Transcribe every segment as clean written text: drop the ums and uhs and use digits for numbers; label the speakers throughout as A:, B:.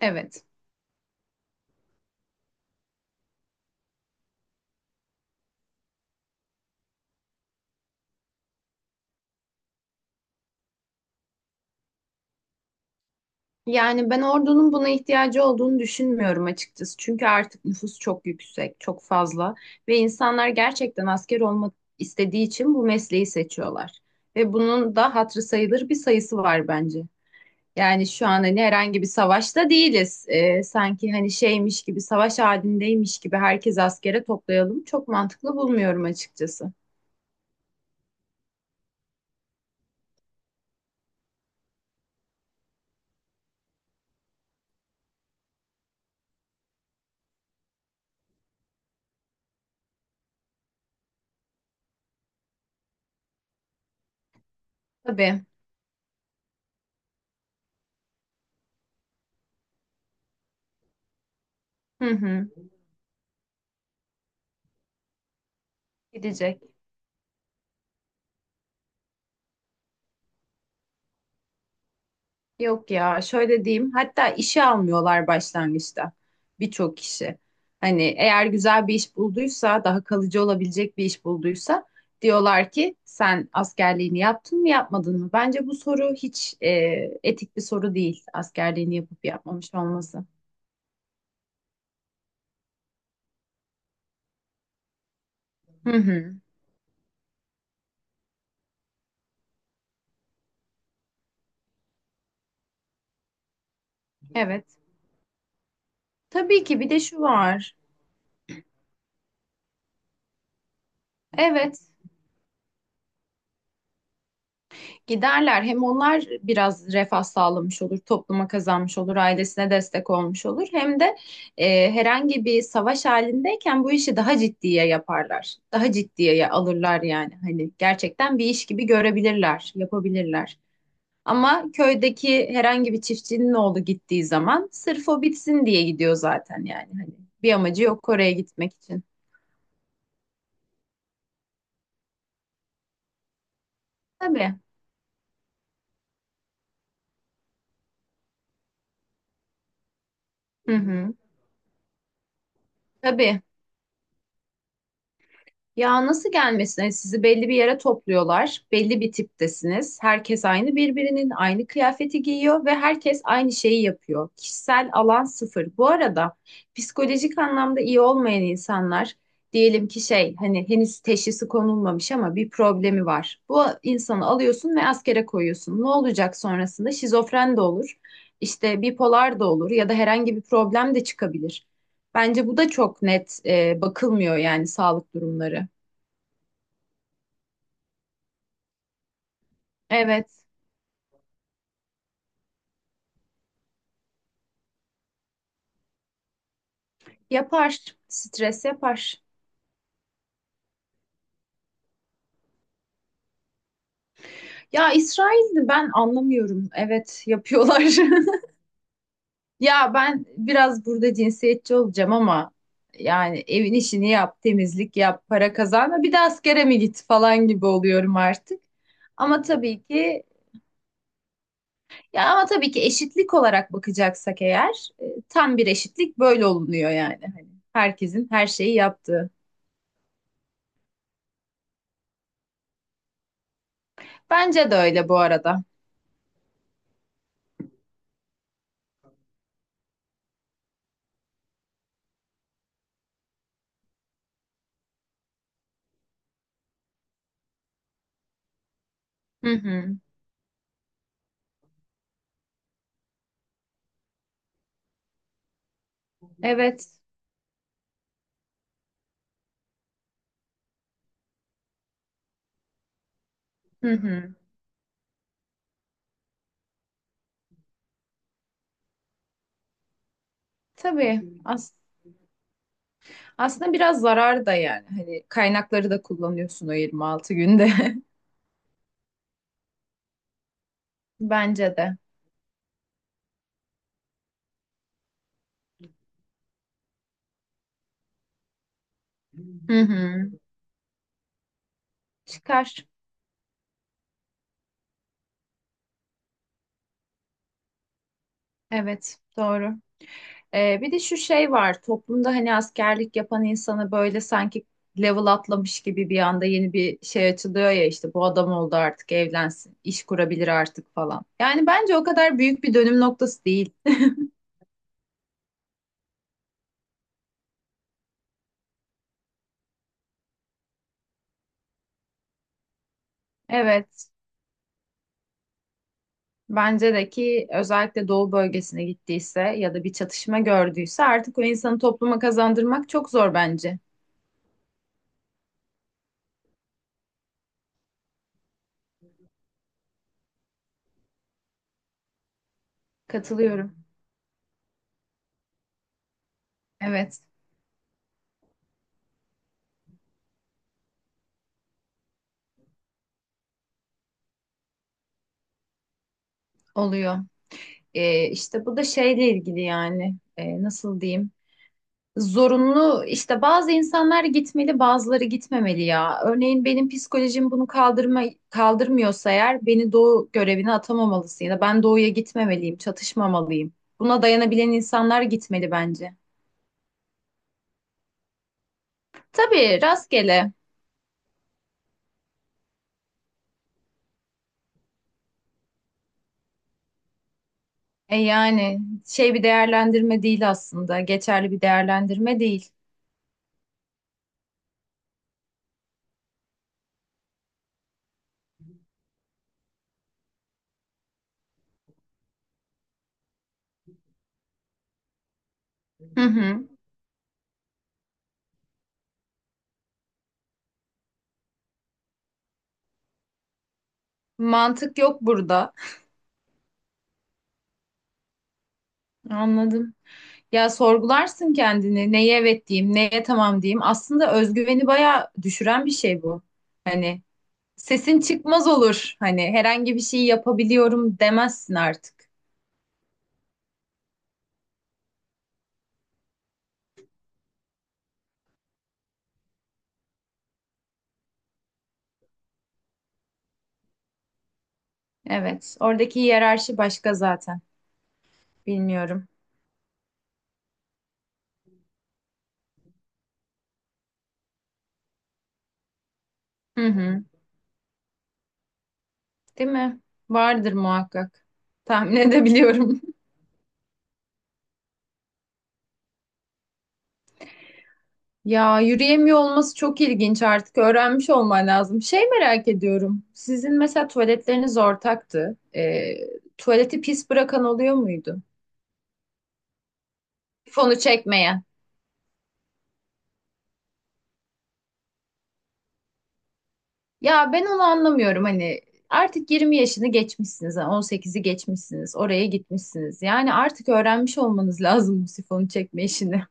A: Evet. Yani ben ordunun buna ihtiyacı olduğunu düşünmüyorum açıkçası. Çünkü artık nüfus çok yüksek, çok fazla ve insanlar gerçekten asker olmak istediği için bu mesleği seçiyorlar. Ve bunun da hatırı sayılır bir sayısı var bence. Yani şu an hani herhangi bir savaşta değiliz. Sanki hani şeymiş gibi, savaş halindeymiş gibi herkes askere toplayalım. Çok mantıklı bulmuyorum açıkçası. Tabii. Hı hı. Gidecek. Yok ya şöyle diyeyim, hatta işe almıyorlar başlangıçta birçok kişi. Hani eğer güzel bir iş bulduysa, daha kalıcı olabilecek bir iş bulduysa diyorlar ki sen askerliğini yaptın mı yapmadın mı? Bence bu soru hiç etik bir soru değil, askerliğini yapıp yapmamış olması. Hı hı, evet. Tabii ki bir de şu var. Evet. Giderler. Hem onlar biraz refah sağlamış olur, topluma kazanmış olur, ailesine destek olmuş olur. Hem de herhangi bir savaş halindeyken bu işi daha ciddiye yaparlar. Daha ciddiye alırlar yani. Hani gerçekten bir iş gibi görebilirler, yapabilirler. Ama köydeki herhangi bir çiftçinin oğlu gittiği zaman sırf o bitsin diye gidiyor zaten yani. Hani bir amacı yok oraya gitmek için. Tabii. Hı hı. Tabii. Ya nasıl gelmesine, sizi belli bir yere topluyorlar. Belli bir tiptesiniz. Herkes aynı, birbirinin aynı kıyafeti giyiyor ve herkes aynı şeyi yapıyor. Kişisel alan sıfır. Bu arada psikolojik anlamda iyi olmayan insanlar, diyelim ki şey, hani henüz teşhisi konulmamış ama bir problemi var. Bu insanı alıyorsun ve askere koyuyorsun. Ne olacak sonrasında? Şizofren de olur. işte bipolar da olur ya da herhangi bir problem de çıkabilir. Bence bu da çok net bakılmıyor yani, sağlık durumları. Evet, yapar. Stres yapar. Ya İsrail'i ben anlamıyorum. Evet, yapıyorlar. Ya ben biraz burada cinsiyetçi olacağım ama yani evin işini yap, temizlik yap, para kazanma, bir de askere mi git falan gibi oluyorum artık. Ama tabii ki, ya ama tabii ki eşitlik olarak bakacaksak eğer tam bir eşitlik böyle olunuyor yani. Hani herkesin her şeyi yaptığı. Bence de öyle bu arada. Hı hı. Evet. Hı hı. Tabii. Aslında biraz zarar da yani. Hani kaynakları da kullanıyorsun o 26 günde. Bence de. Hı hı. Çıkar. Evet. Doğru. Bir de şu şey var toplumda, hani askerlik yapan insanı böyle sanki level atlamış gibi, bir anda yeni bir şey açılıyor ya, işte bu adam oldu artık, evlensin, iş kurabilir artık falan. Yani bence o kadar büyük bir dönüm noktası değil. Evet, bence de ki özellikle doğu bölgesine gittiyse ya da bir çatışma gördüyse, artık o insanı topluma kazandırmak çok zor bence. Katılıyorum. Evet, oluyor. İşte bu da şeyle ilgili yani. Nasıl diyeyim? Zorunlu, işte bazı insanlar gitmeli, bazıları gitmemeli ya. Örneğin benim psikolojim bunu kaldırmıyorsa eğer, beni doğu görevine atamamalısın ya da ben doğuya gitmemeliyim, çatışmamalıyım. Buna dayanabilen insanlar gitmeli bence. Tabii, rastgele. E yani şey, bir değerlendirme değil aslında. Geçerli bir değerlendirme değil. Hı hı. Mantık yok burada. Anladım. Ya sorgularsın kendini. Neye evet diyeyim, neye tamam diyeyim? Aslında özgüveni bayağı düşüren bir şey bu. Hani sesin çıkmaz olur. Hani herhangi bir şeyi yapabiliyorum demezsin artık. Evet. Oradaki hiyerarşi başka zaten. Bilmiyorum. Hı hı. Değil mi? Vardır muhakkak. Tahmin edebiliyorum. Ya yürüyemiyor olması çok ilginç artık. Öğrenmiş olman lazım. Şey, merak ediyorum. Sizin mesela tuvaletleriniz ortaktı. Tuvaleti pis bırakan oluyor muydu? Fonu çekmeye. Ya ben onu anlamıyorum, hani artık 20 yaşını geçmişsiniz, yani 18'i geçmişsiniz, oraya gitmişsiniz. Yani artık öğrenmiş olmanız lazım bu sifonu çekme işini.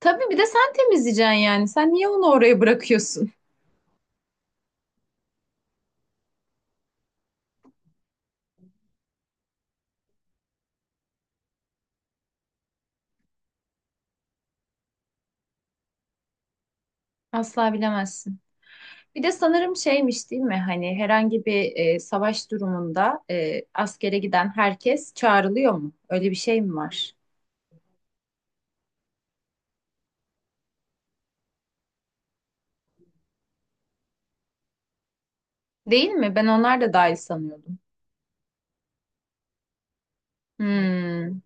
A: Tabii, bir de sen temizleyeceksin yani. Sen niye onu oraya bırakıyorsun? Asla bilemezsin. Bir de sanırım şeymiş, değil mi? Hani herhangi bir savaş durumunda askere giden herkes çağrılıyor mu? Öyle bir şey mi var? Değil mi? Ben onlar da dahil sanıyordum. Hmm.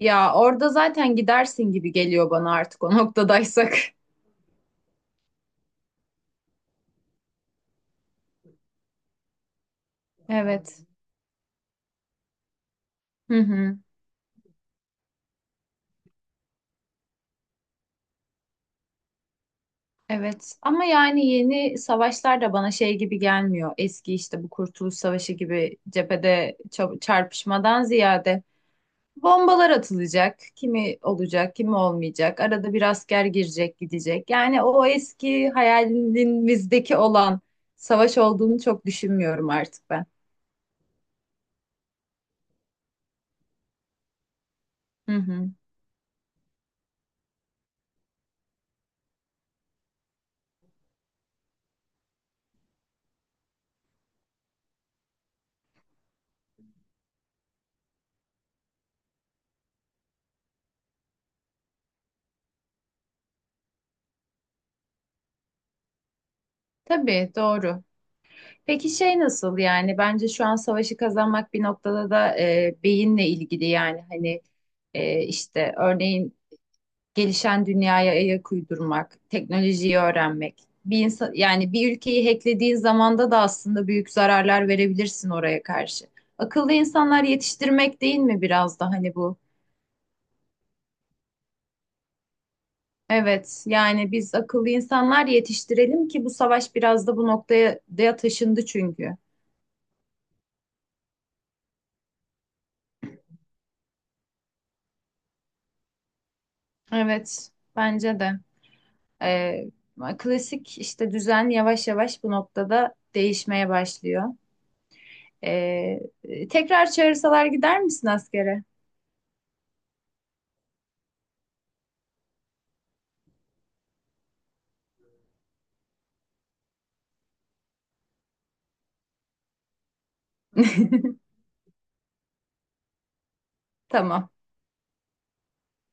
A: Ya orada zaten gidersin gibi geliyor bana artık o noktadaysak. Evet. Hı hı. Evet. Ama yani yeni savaşlar da bana şey gibi gelmiyor. Eski işte bu Kurtuluş Savaşı gibi cephede çarpışmadan ziyade bombalar atılacak. Kimi olacak, kimi olmayacak. Arada bir asker girecek, gidecek. Yani o eski hayalimizdeki olan savaş olduğunu çok düşünmüyorum artık ben. Hı hı. Tabii, doğru. Peki şey nasıl, yani bence şu an savaşı kazanmak bir noktada da beyinle ilgili yani. Hani işte örneğin gelişen dünyaya ayak uydurmak, teknolojiyi öğrenmek. Bir insan yani bir ülkeyi hacklediğin zamanda da aslında büyük zararlar verebilirsin oraya karşı. Akıllı insanlar yetiştirmek, değil mi biraz da hani bu? Evet, yani biz akıllı insanlar yetiştirelim ki, bu savaş biraz da bu noktaya da taşındı çünkü. Evet, bence de. Ee, Klasik işte düzen yavaş yavaş bu noktada değişmeye başlıyor. Tekrar çağırsalar gider misin askere? Tamam.